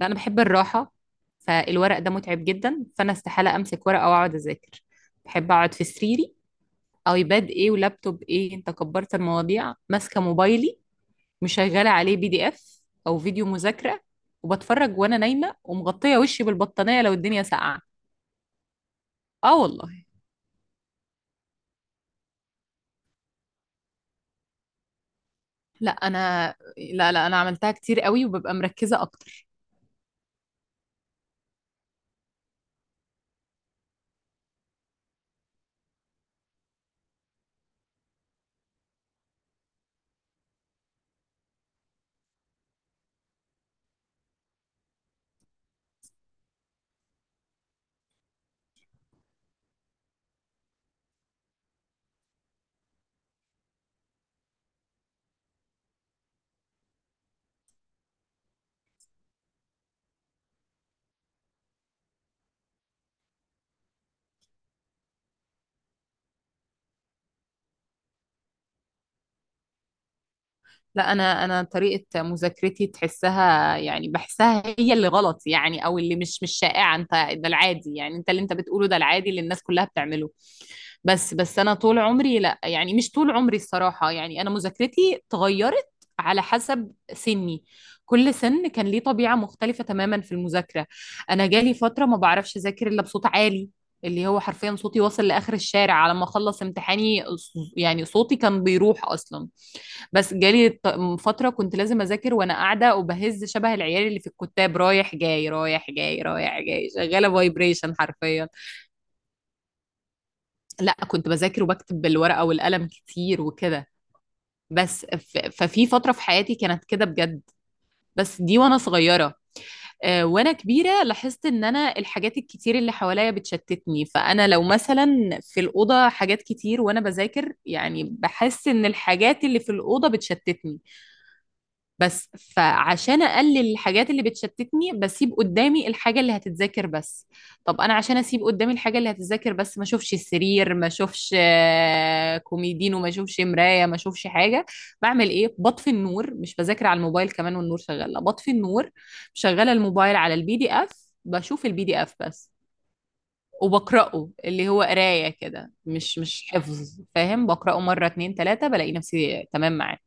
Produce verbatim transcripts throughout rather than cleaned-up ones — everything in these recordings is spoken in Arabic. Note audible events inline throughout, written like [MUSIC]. لا، انا بحب الراحه، فالورق ده متعب جدا، فانا استحاله امسك ورقه واقعد اذاكر. بحب اقعد في سريري. ايباد ايه ولابتوب ايه، انت كبرت المواضيع، ماسكه موبايلي مشغله عليه بي دي اف او فيديو مذاكره، وبتفرج وانا نايمه ومغطيه وشي بالبطانيه لو الدنيا ساقعه. اه والله. لا انا. لا، لا، انا عملتها كتير قوي وببقى مركزه اكتر. لا انا، انا طريقه مذاكرتي تحسها يعني بحسها هي اللي غلط، يعني او اللي مش مش شائعه. انت ده العادي، يعني انت اللي انت بتقوله ده العادي اللي الناس كلها بتعمله. بس بس انا طول عمري، لا يعني مش طول عمري الصراحه، يعني انا مذاكرتي اتغيرت على حسب سني. كل سن كان ليه طبيعه مختلفه تماما في المذاكره. انا جالي فتره ما بعرفش اذاكر الا بصوت عالي، اللي هو حرفيا صوتي واصل لاخر الشارع على ما اخلص امتحاني. يعني صوتي كان بيروح اصلا. بس جالي ط- فترة كنت لازم أذاكر وأنا قاعدة وبهز شبه العيال اللي في الكتاب، رايح جاي رايح جاي رايح جاي، شغالة فايبريشن حرفيا. لا، كنت بذاكر وبكتب بالورقة والقلم كتير وكده. بس ف- ففي فترة في حياتي كانت كده بجد، بس دي وأنا صغيرة. آه، وانا كبيره لاحظت ان انا الحاجات الكتير اللي حواليا بتشتتني. فانا لو مثلا في الاوضه حاجات كتير وانا بذاكر، يعني بحس ان الحاجات اللي في الاوضه بتشتتني. بس فعشان اقلل الحاجات اللي بتشتتني، بسيب قدامي الحاجه اللي هتتذاكر بس. طب انا عشان اسيب قدامي الحاجه اللي هتتذاكر بس، ما اشوفش السرير، ما اشوفش آه، كوميدين، وما اشوفش مرايه، ما اشوفش حاجه، بعمل ايه؟ بطفي النور. مش بذاكر على الموبايل كمان والنور شغال، لا بطفي النور، شغاله الموبايل على البي دي اف، بشوف البي دي اف بس وبقراه. اللي هو قرايه كده، مش مش حفظ، فاهم؟ بقراه مره اتنين تلاته بلاقي نفسي تمام معاه.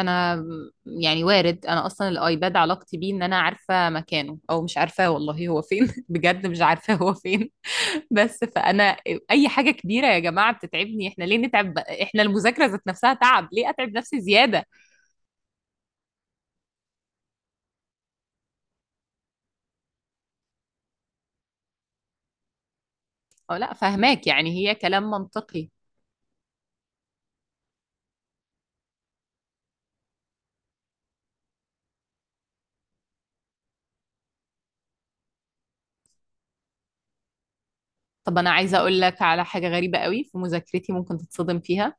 انا يعني وارد، انا اصلا الايباد علاقتي بيه ان انا عارفه مكانه او مش عارفاه، والله هو فين [LAUGHS] بجد مش عارفاه هو فين. [LAUGHS] بس فانا اي حاجه كبيره يا جماعه بتتعبني، احنا ليه نتعب بقى؟ احنا المذاكره ذات نفسها تعب، ليه اتعب نفسي زياده؟ او لا، فهماك، يعني هي كلام منطقي. طب انا عايزه اقول لك على حاجه غريبه قوي في مذاكرتي، ممكن تتصدم فيها.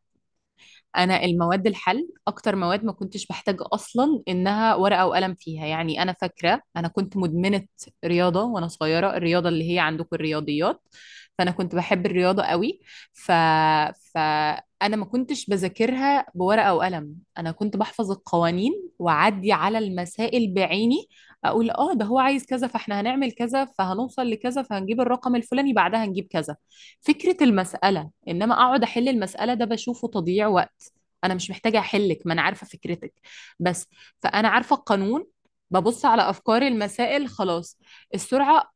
انا المواد الحل، اكتر مواد ما كنتش بحتاج اصلا انها ورقه وقلم فيها. يعني انا فاكره انا كنت مدمنه رياضه وانا صغيره، الرياضه اللي هي عندكم الرياضيات. فانا كنت بحب الرياضه قوي. ف فانا ما كنتش بذاكرها بورقه وقلم، انا كنت بحفظ القوانين، واعدي على المسائل بعيني، اقول اه ده هو عايز كذا، فاحنا هنعمل كذا، فهنوصل لكذا، فهنجيب الرقم الفلاني، بعدها هنجيب كذا. فكره المساله، انما اقعد احل المساله ده بشوفه تضييع وقت. انا مش محتاجه احلك، ما انا عارفه فكرتك بس، فانا عارفه القانون. ببص على افكاري المسائل خلاص. السرعه.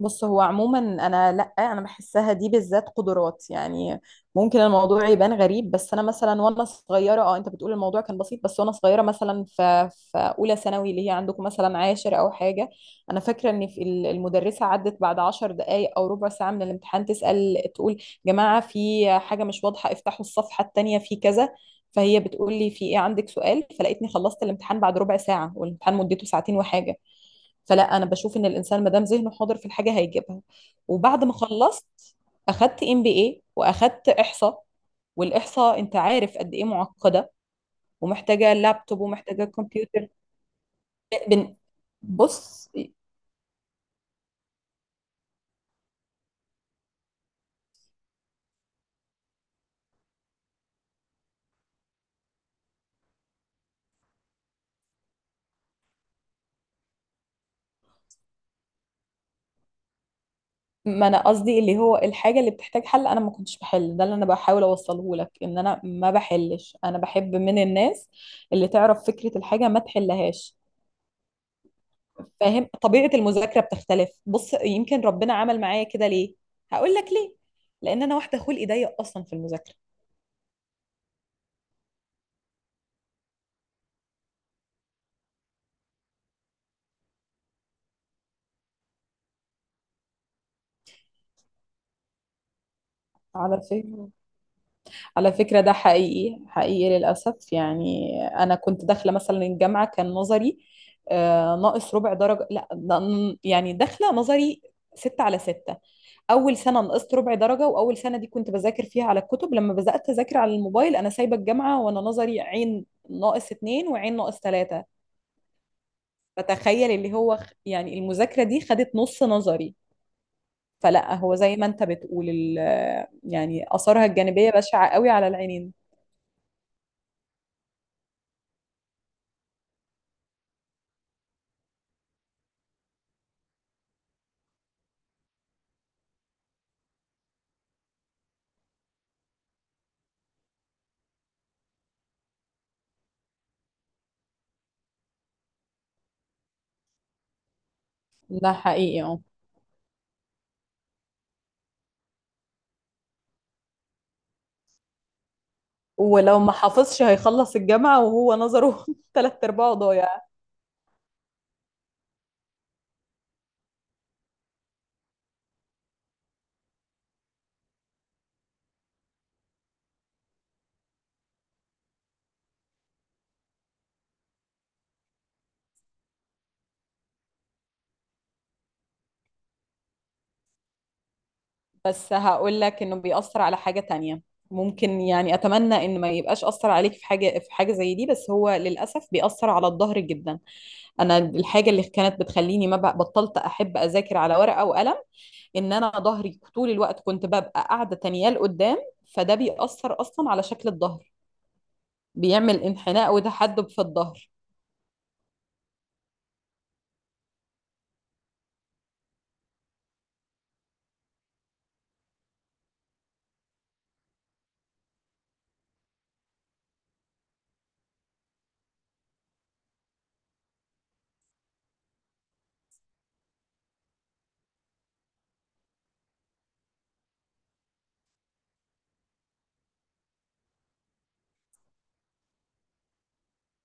بص هو عموما انا، لا انا بحسها دي بالذات قدرات يعني. ممكن الموضوع يبان غريب، بس انا مثلا وانا صغيره، اه انت بتقول الموضوع كان بسيط، بس وانا صغيره مثلا في في اولى ثانوي، اللي هي عندكم مثلا عاشر او حاجه، انا فاكره ان في ال- المدرسه عدت بعد عشر دقائق او ربع ساعه من الامتحان تسال، تقول جماعه في حاجه مش واضحه، افتحوا الصفحه التانيه في كذا. فهي بتقول لي في ايه؟ عندك سؤال؟ فلقيتني خلصت الامتحان بعد ربع ساعه، والامتحان مدته ساعتين وحاجه. فلا انا بشوف ان الانسان ما دام ذهنه حاضر في الحاجه هيجيبها. وبعد ما خلصت اخدت ام بي اي، واخدت احصاء، والاحصاء انت عارف قد ايه معقده ومحتاجه لابتوب ومحتاجه كمبيوتر. بن- بص، ما انا قصدي اللي هو الحاجه اللي بتحتاج حل انا ما كنتش بحل. ده اللي انا بحاول اوصله لك، ان انا ما بحلش، انا بحب من الناس اللي تعرف فكره الحاجه ما تحلهاش. فاهم؟ طبيعة المذاكرة بتختلف. بص، يمكن ربنا عمل معايا كده ليه؟ هقول لك ليه. لأن أنا واحدة خلقي ضيق أصلا في المذاكرة. على فكرة، على فكرة ده حقيقي، حقيقي للأسف. يعني أنا كنت داخلة مثلا الجامعة كان نظري آه، ناقص ربع درجة، لا ده ن- يعني داخلة نظري ستة على ستة. أول سنة نقصت ربع درجة، وأول سنة دي كنت بذاكر فيها على الكتب. لما بدأت أذاكر على الموبايل أنا سايبة الجامعة وأنا نظري عين ناقص اتنين وعين ناقص تلاتة. فتخيل اللي هو خ- يعني المذاكرة دي خدت نص نظري. فلا، هو زي ما انت بتقول ال- يعني آثارها الجانبية بشعة قوي على العينين. ده حقيقي، اه. ولو ما حافظش هيخلص الجامعة وهو نظره [LAUGHS] تلات أرباعه ضايع. بس هقول لك إنه بيأثر على حاجة تانية. ممكن يعني أتمنى إن ما يبقاش أثر عليك في حاجة، في حاجة زي دي، بس هو للأسف بيأثر على الظهر جدا. أنا الحاجة اللي كانت بتخليني ما بق- بطلت أحب أذاكر على ورقة وقلم، ان انا ظهري طول الوقت كنت ببقى قاعده تانية لقدام. فده بيأثر اصلا على شكل الظهر، بيعمل انحناء وتحدب في الظهر.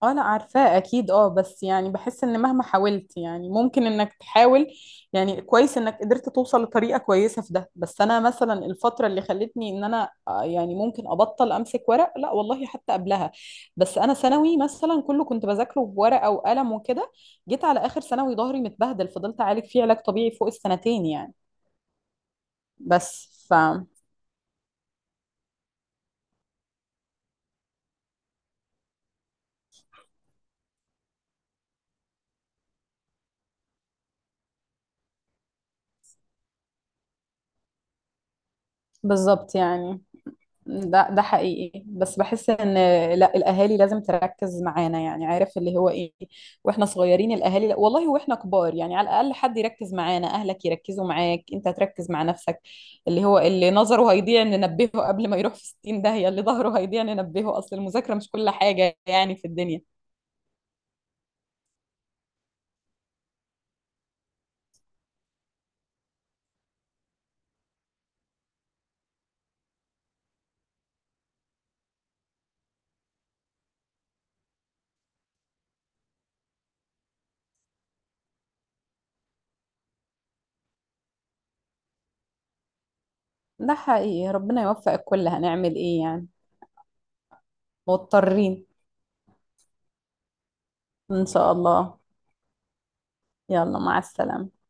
اه انا عارفاه اكيد، اه. بس يعني بحس ان مهما حاولت، يعني ممكن انك تحاول، يعني كويس انك قدرت توصل لطريقه كويسه في ده. بس انا مثلا الفتره اللي خلتني ان انا آه، يعني ممكن ابطل امسك ورق، لا والله حتى قبلها. بس انا ثانوي مثلا كله كنت بذاكره بورقه وقلم وكده، جيت على اخر ثانوي ظهري متبهدل، فضلت اعالج فيه علاج طبيعي فوق السنتين يعني. بس ف بالظبط يعني. ده ده حقيقي. بس بحس ان، لا الاهالي لازم تركز معانا، يعني عارف اللي هو ايه، واحنا صغيرين الاهالي، لا والله واحنا كبار، يعني على الاقل حد يركز معانا، اهلك يركزوا معاك، انت تركز مع نفسك. اللي هو اللي نظره هيضيع ننبهه قبل ما يروح في ستين داهية، اللي ظهره هيضيع ننبهه، اصل المذاكرة مش كل حاجة يعني في الدنيا. ده حقيقي، ربنا يوفق الكل، هنعمل ايه يعني؟ مضطرين. ان شاء الله. يلا، مع السلامة.